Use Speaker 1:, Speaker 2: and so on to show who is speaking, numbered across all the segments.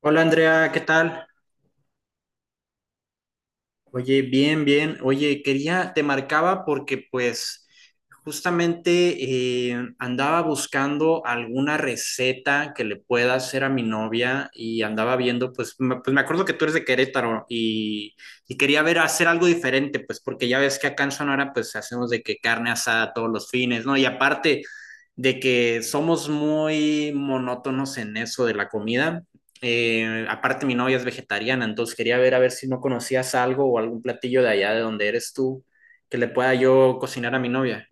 Speaker 1: Hola Andrea, ¿qué tal? Oye, bien, bien. Oye, te marcaba porque pues justamente andaba buscando alguna receta que le pueda hacer a mi novia y andaba viendo, pues me acuerdo que tú eres de Querétaro y quería ver hacer algo diferente, pues porque ya ves que acá en Sonora pues hacemos de que carne asada todos los fines, ¿no? Y aparte de que somos muy monótonos en eso de la comida. Aparte, mi novia es vegetariana, entonces quería ver a ver si no conocías algo o algún platillo de allá de donde eres tú que le pueda yo cocinar a mi novia.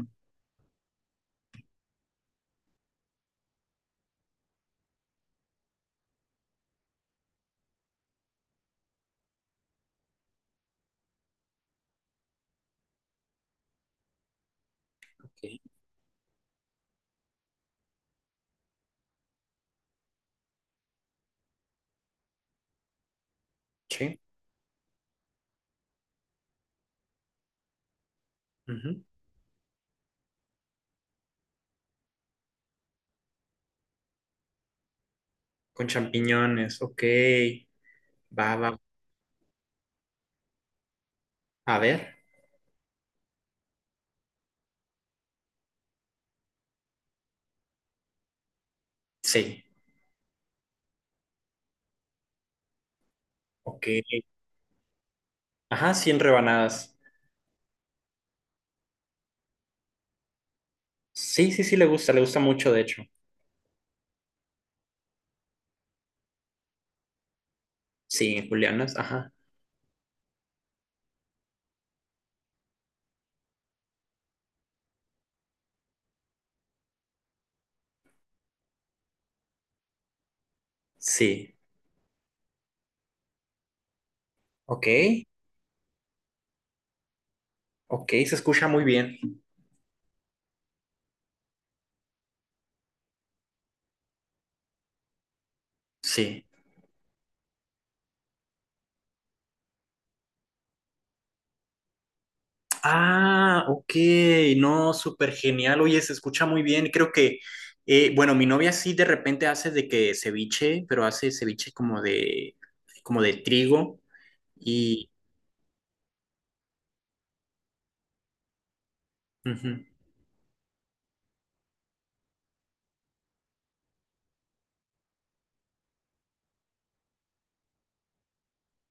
Speaker 1: Ok. Sí. Ujú. Con champiñones, ok. Va, va. A ver. Sí. Ok. Ajá, 100 rebanadas. Sí, sí, sí, le gusta mucho, de hecho. Sí, julianas, ajá. Sí. Ok, ok, se escucha muy bien. Sí. Ah, ok, no, súper genial. Oye, se escucha muy bien. Creo que, bueno, mi novia sí de repente hace de que ceviche, pero hace ceviche como de trigo y, ujú.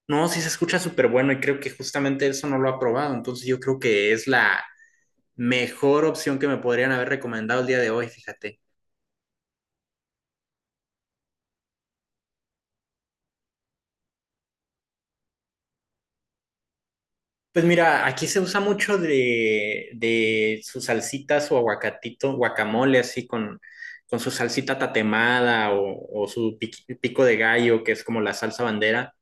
Speaker 1: No, sí se escucha súper bueno y creo que justamente eso no lo ha probado. Entonces yo creo que es la mejor opción que me podrían haber recomendado el día de hoy, fíjate. Pues mira, aquí se usa mucho de sus salsitas o aguacatito, guacamole, así con su salsita tatemada o su pico de gallo, que es como la salsa bandera.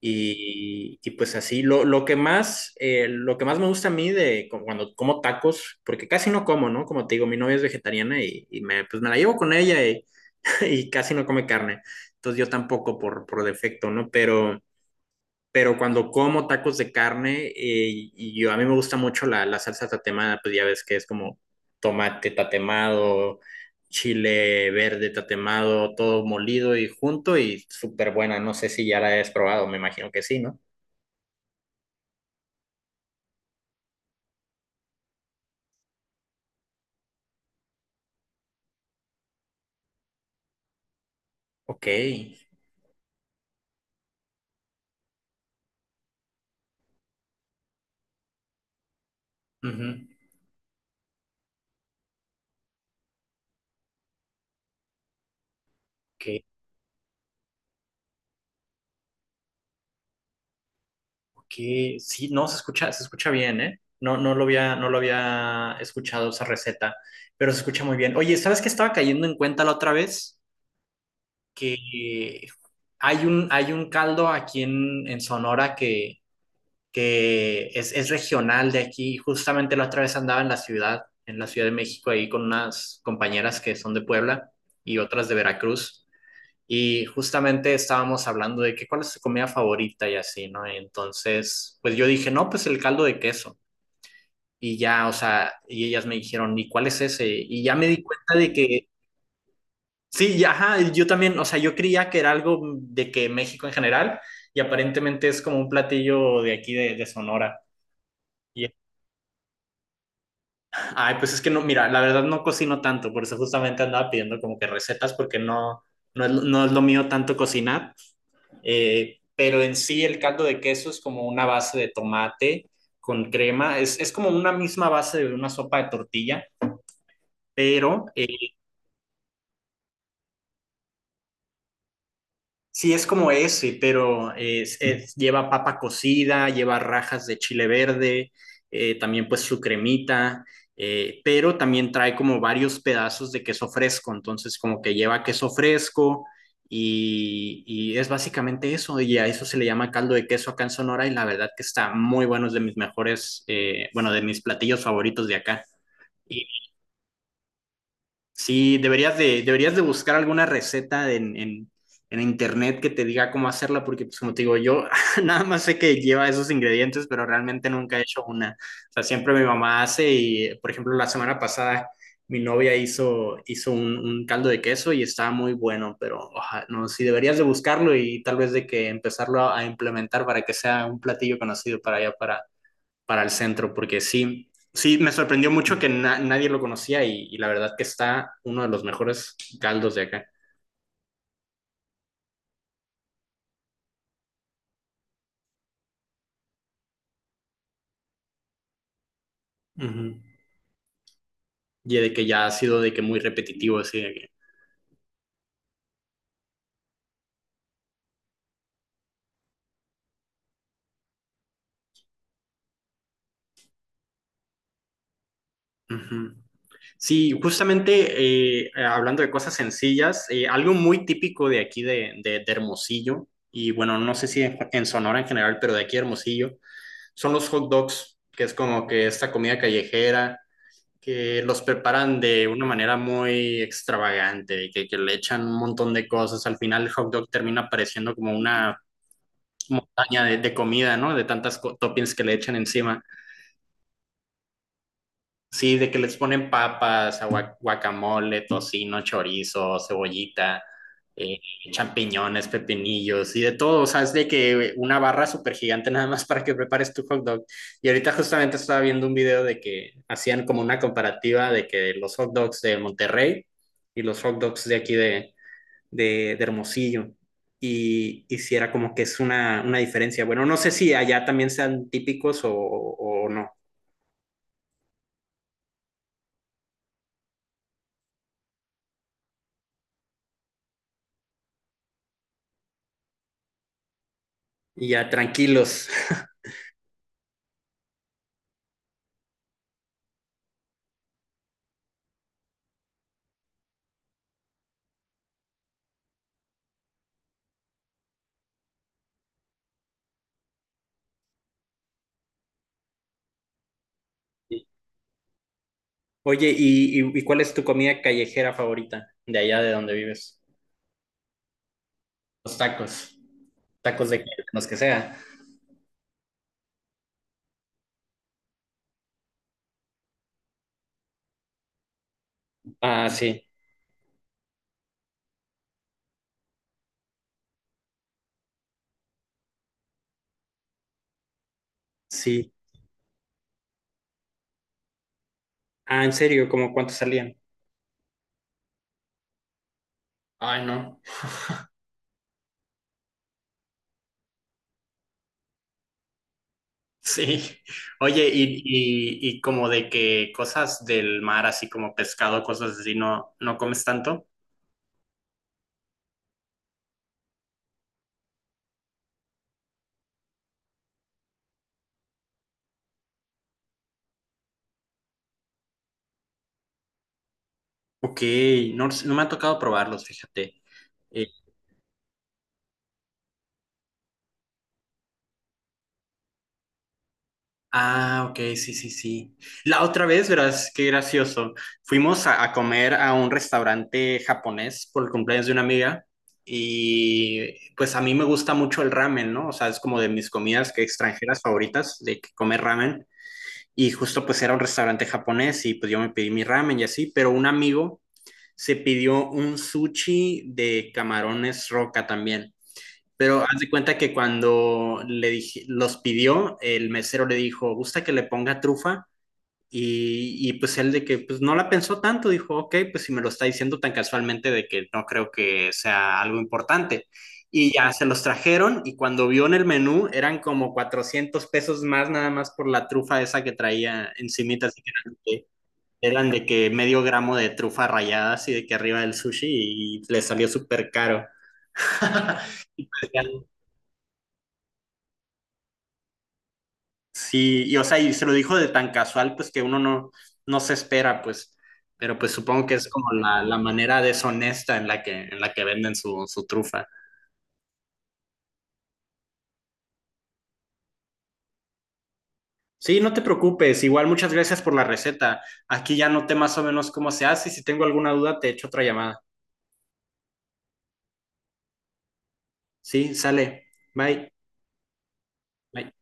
Speaker 1: Y pues así, lo que más, lo que más me gusta a mí de cuando como tacos, porque casi no como, ¿no? Como te digo, mi novia es vegetariana y pues me la llevo con ella y, y casi no come carne. Entonces yo tampoco por defecto, ¿no? Pero cuando como tacos de carne, a mí me gusta mucho la salsa tatemada, pues ya ves que es como tomate tatemado, chile verde tatemado, todo molido y junto y súper buena. No sé si ya la has probado, me imagino que sí, ¿no? Ok. Ujú. Ok, ok. Sí, no, se escucha bien, ¿eh? No, no lo había escuchado esa receta, pero se escucha muy bien. Oye, ¿sabes qué estaba cayendo en cuenta la otra vez? Que hay un caldo aquí en Sonora que, que es regional de aquí. Justamente la otra vez andaba en la Ciudad de México, ahí con unas compañeras que son de Puebla y otras de Veracruz. Y justamente estábamos hablando de que cuál es tu comida favorita y así, ¿no? Entonces, pues yo dije, no, pues el caldo de queso. Y ya, o sea, y ellas me dijeron, ¿y cuál es ese? Y ya me di cuenta de que sí, y ajá, yo también, o sea, yo creía que era algo de que México en general, y aparentemente es como un platillo de aquí de Sonora. Y, Ay, pues es que no, mira, la verdad no cocino tanto, por eso justamente andaba pidiendo como que recetas, porque no es lo mío tanto cocinar. Pero en sí el caldo de queso es como una base de tomate con crema, es como una misma base de una sopa de tortilla, pero... sí, es como ese, pero lleva papa cocida, lleva rajas de chile verde, también pues su cremita, pero también trae como varios pedazos de queso fresco, entonces como que lleva queso fresco y es básicamente eso, y a eso se le llama caldo de queso acá en Sonora y la verdad que está muy bueno, es de mis mejores, bueno, de mis platillos favoritos de acá. Sí, deberías de buscar alguna receta en, en internet que te diga cómo hacerla, porque pues como te digo, yo nada más sé que lleva esos ingredientes, pero realmente nunca he hecho una. O sea, siempre mi mamá hace y, por ejemplo, la semana pasada mi novia hizo un caldo de queso y estaba muy bueno, pero oja, no, sí deberías de buscarlo y tal vez de que empezarlo a implementar para que sea un platillo conocido para allá, para el centro, porque sí, sí, me sorprendió mucho que na nadie lo conocía y la verdad que está uno de los mejores caldos de acá. Uh -huh. Y de que ya ha sido de que muy repetitivo, así de que... Uh -huh. Sí, justamente hablando de cosas sencillas, algo muy típico de aquí Hermosillo, y bueno, no sé si en Sonora en general, pero de aquí de Hermosillo, son los hot dogs, que es como que esta comida callejera que los preparan de una manera muy extravagante, y que le echan un montón de cosas. Al final el hot dog termina pareciendo como una montaña de comida, ¿no? De tantas toppings que le echan encima. Sí, de que les ponen papas, guacamole, tocino, chorizo, cebollita, eh, champiñones, pepinillos y de todo. O sea, es de que una barra súper gigante nada más para que prepares tu hot dog. Y ahorita justamente estaba viendo un video de que hacían como una comparativa de que los hot dogs de Monterrey y los hot dogs de aquí de Hermosillo. Y si era como que es una diferencia. Bueno, no sé si allá también sean típicos o, o no. Y ya tranquilos. Oye, ¿y cuál es tu comida callejera favorita de allá de donde vives? Los tacos. ¿Tacos de qué? De los que sea. Ah, sí, sí. Ah, ¿en serio? ¿Cómo cuánto salían? Ay, no. Sí. Oye, y como de que cosas del mar, así como pescado, cosas así, ¿no, no comes tanto? Ok, no, no me ha tocado probarlos, fíjate. Ah, ok, sí, sí, sí. La otra vez, verás, qué gracioso. Fuimos a comer a un restaurante japonés por el cumpleaños de una amiga y pues a mí me gusta mucho el ramen, ¿no? O sea, es como de mis comidas que extranjeras favoritas, de que comer ramen. Y justo pues era un restaurante japonés y pues yo me pedí mi ramen y así, pero un amigo se pidió un sushi de camarones roca también. Pero haz de cuenta que cuando le dije, los pidió, el mesero le dijo, ¿gusta que le ponga trufa? Y pues él de que pues no la pensó tanto, dijo, ok, pues si me lo está diciendo tan casualmente de que no creo que sea algo importante. Y ya se los trajeron y cuando vio en el menú eran como 400 pesos más nada más por la trufa esa que traía encimita, así que eran de que medio gramo de trufa rallada así de que arriba del sushi y le salió súper caro. Sí, y o sea, y se lo dijo de tan casual, pues que uno no, no se espera, pues, pero pues supongo que es como la manera deshonesta en la que venden su trufa. Sí, no te preocupes, igual muchas gracias por la receta. Aquí ya noté más o menos cómo se hace y si tengo alguna duda te echo otra llamada. Sí, sale. Bye. Bye.